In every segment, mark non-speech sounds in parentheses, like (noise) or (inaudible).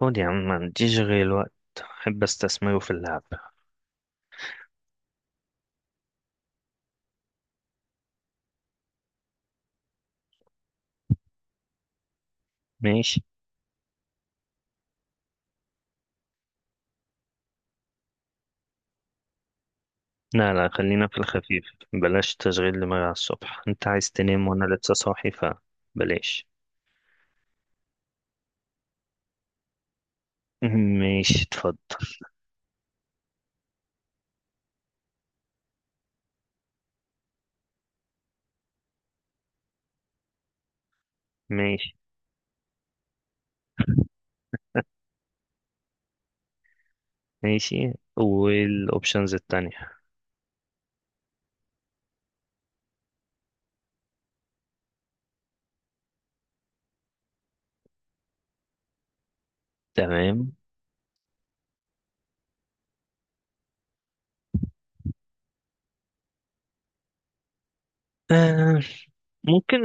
فاضي يا عم، ما عنديش غير الوقت، أحب أستثمره في اللعب. ماشي. لا لا، خلينا في الخفيف. بلاش تشغيل دماغ على الصبح، أنت عايز تنام وأنا لسه صاحي فبلاش. (laughs) ماشي اتفضل. ماشي. ماشي، والأوبشنز التانية؟ تمام. آه، ممكن.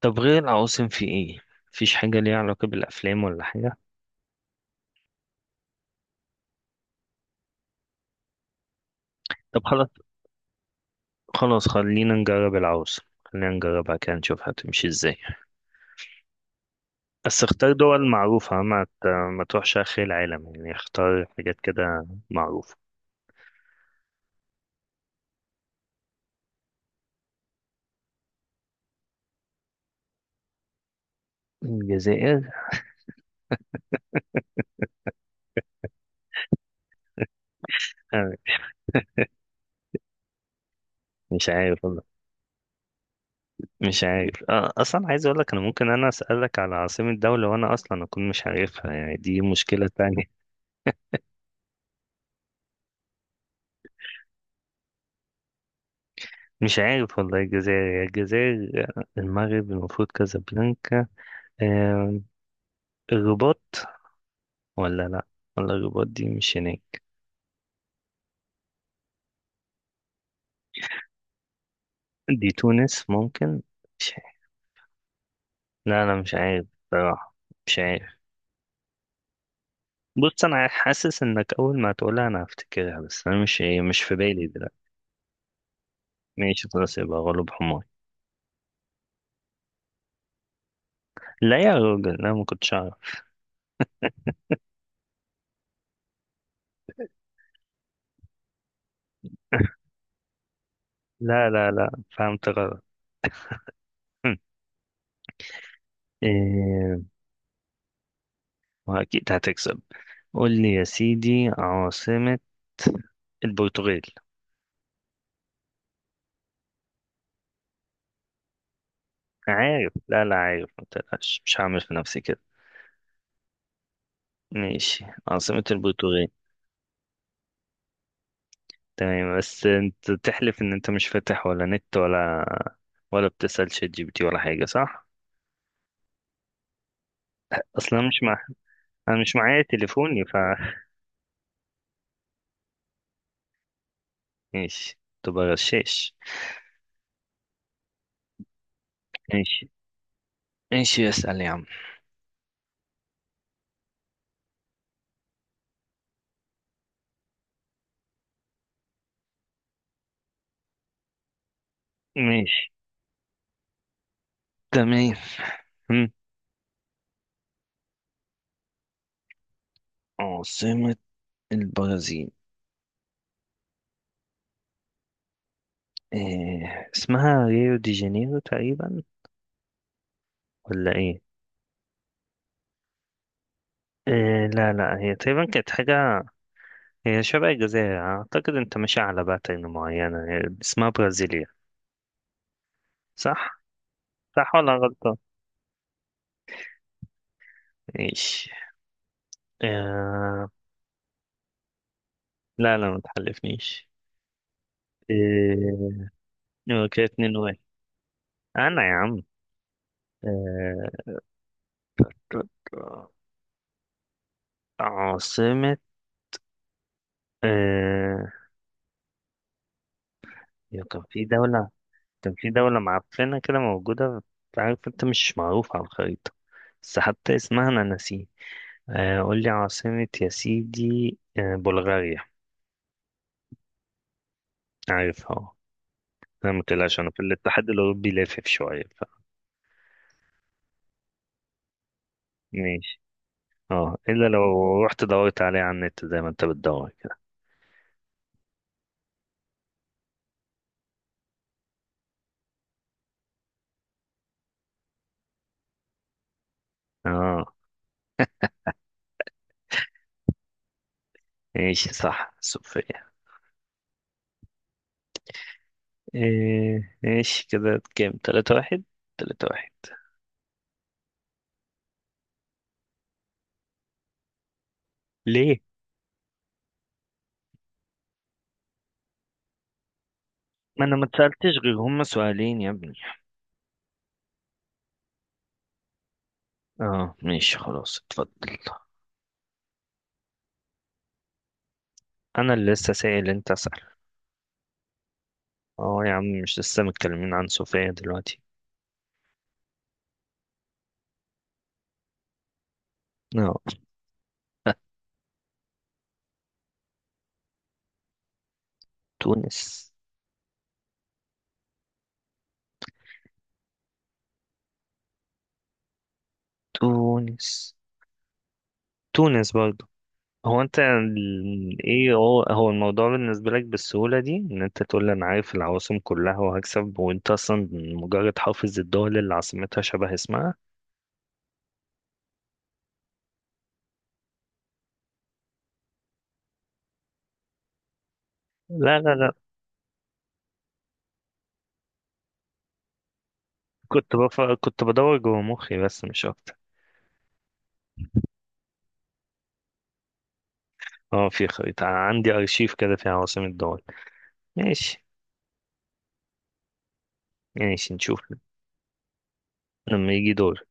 طب غير العواصم في إيه؟ مفيش حاجة ليها علاقة بالأفلام ولا حاجة؟ طب خلاص، خلاص خلينا نجرب العواصم، خلينا نجربها كده نشوف هتمشي إزاي. بس اختار دول معروفة، ما تروحش آخر العالم يعني، اختار حاجات كده معروفة. الجزائر. آه، مش عارف والله. مش عارف. أصلا عايز أقول لك، أنا ممكن أنا أسألك على عاصمة دولة وأنا أصلا أكون مش عارفها، يعني دي مشكلة تانية. (laughs) مش عارف والله. الجزائر يا الجزائر. المغرب المفروض كازابلانكا. آه، الرباط. ولا لأ، ولا الرباط دي مش هناك. دي تونس ممكن. مش عارف. لا أنا مش عارف بصراحة. مش عارف. بص، انا حاسس انك اول ما تقولها انا هفتكرها، بس انا مش، ايه، مش في بالي دلوقتي. ماشي خلاص، يبقى غلب حماري. لا يا راجل انا ما كنتش اعرف. (laughs) لا لا لا، فهمت غلط. هم. إيه. واكيد هتكسب. قول لي يا سيدي، عاصمة البرتغال. عارف، لا لا عارف، ما تقلقش، مش هعمل في نفسي كده. ماشي، عاصمة البرتغال. تمام، بس انت تحلف ان انت مش فاتح ولا نت، ولا ولا بتسأل شات جي بي تي، ولا حاجة، صح؟ اصلا مش مع، انا مش معايا تليفوني، ف. ماشي، تبقى غشاش. ماشي، ماشي اسأل يا عم. ماشي. تمام. هم. عاصمة البرازيل. إيه، اسمها ريو دي جانيرو تقريبا، ولا ايه؟ إيه، لا لا، هي تقريبا كانت حاجة، هي شبه الجزائر اعتقد، انت ماشي على باترن معينة. هي اسمها برازيليا، صح؟ صح ولا غلطة؟ ماشي. إيه. لا لا، ما تحلفنيش. إيه. هو كده 2-1. انا يا عم. آه... عاصمة. آه... يا كان في دولة. كان في دولة معفنة كده موجودة، عارف، انت مش معروف على الخريطة. بس حتى اسمها أنا ناسيه. قول لي عاصمة يا سيدي، بلغاريا. عارفها، اه. أنا متقلقش، أنا في الاتحاد الأوروبي لافف شوية ماشي. اه، إلا لو رحت دورت عليه على النت زي ما انت بتدور كده. اه. ماشي، صح، صوفيا. إيه، ماشي، كده كام؟ 3-1. 3-1. ليه؟ ما انا ما اتسألتش غير هما سؤالين يا ابني. اه ماشي خلاص اتفضل. انا اللي لسه سائل، انت اسأل. اه يا عم، مش لسه متكلمين عن صوفيا دلوقتي. اه. (laughs) تونس. تونس. تونس برضه. هو انت ايه، هو الموضوع بالنسبة لك بالسهولة دي، ان انت تقول لي انا عارف العواصم كلها وهكسب، وانت اصلا مجرد حافظ الدول اللي عاصمتها شبه اسمها. لا لا لا، كنت بدور جوه مخي بس مش اكتر. اه في خريطة، عندي أرشيف كده فيها عواصم الدول. ماشي. ماشي نشوف. لما يجي دورك.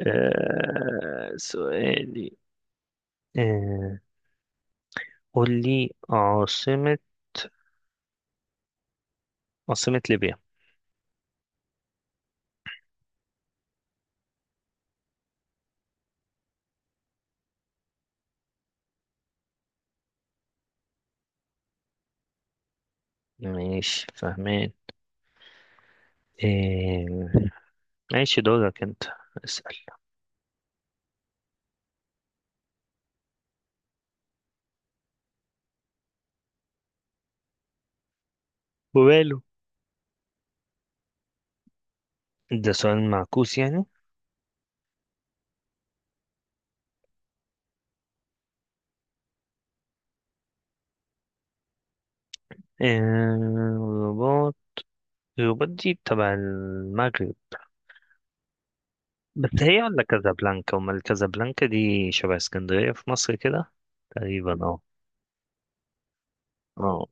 آه سؤالي. آه، قول لي عاصمة، عاصمة ليبيا. ماشي فاهمين. آه ماشي، دورك انت، اسأل. وباله. ده سؤال معكوس يعني. آه. رباط. رباط دي تبع المغرب. بس هي ولا كازابلانكا، وما الكازابلانكا دي شبه اسكندرية في مصر كده تقريبا. اه. اه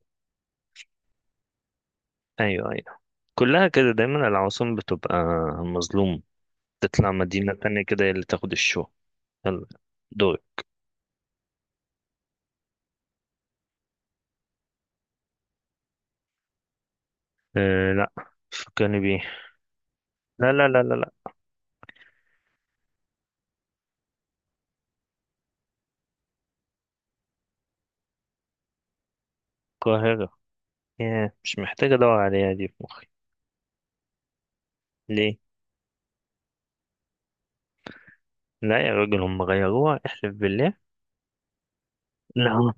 ايوه ايوه، كلها كده دايما، العواصم بتبقى مظلوم، تطلع مدينة تانية كده هي اللي تاخد الشو. يلا دول. أه لا، فكرني بيه. لا لا لا لا لا. القاهرة. ياه، مش محتاج ادور عليها دي في مخي. ليه؟ لا يا راجل، هم غيروها؟ احلف بالله. (laughs) لا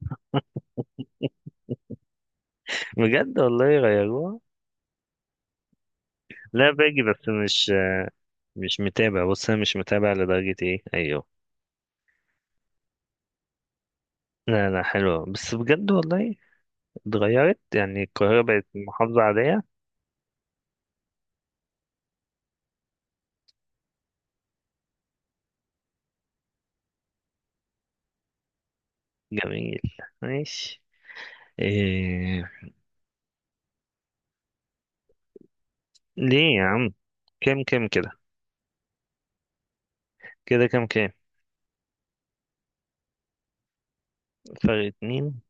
بجد، والله غيروها؟ لا باجي، بس مش، مش متابع. بص انا مش متابع لدرجة، ايه ايوه. لا لا حلوة، بس بجد والله اتغيرت يعني؟ القاهرة بقت محافظة عادية؟ جميل. ماشي. إيه... ليه يا عم؟ كام كام كده؟ كده كام كام؟ فرق 2.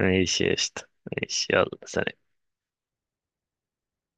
ماشي يا قشطة. ماشي، يلا سلام.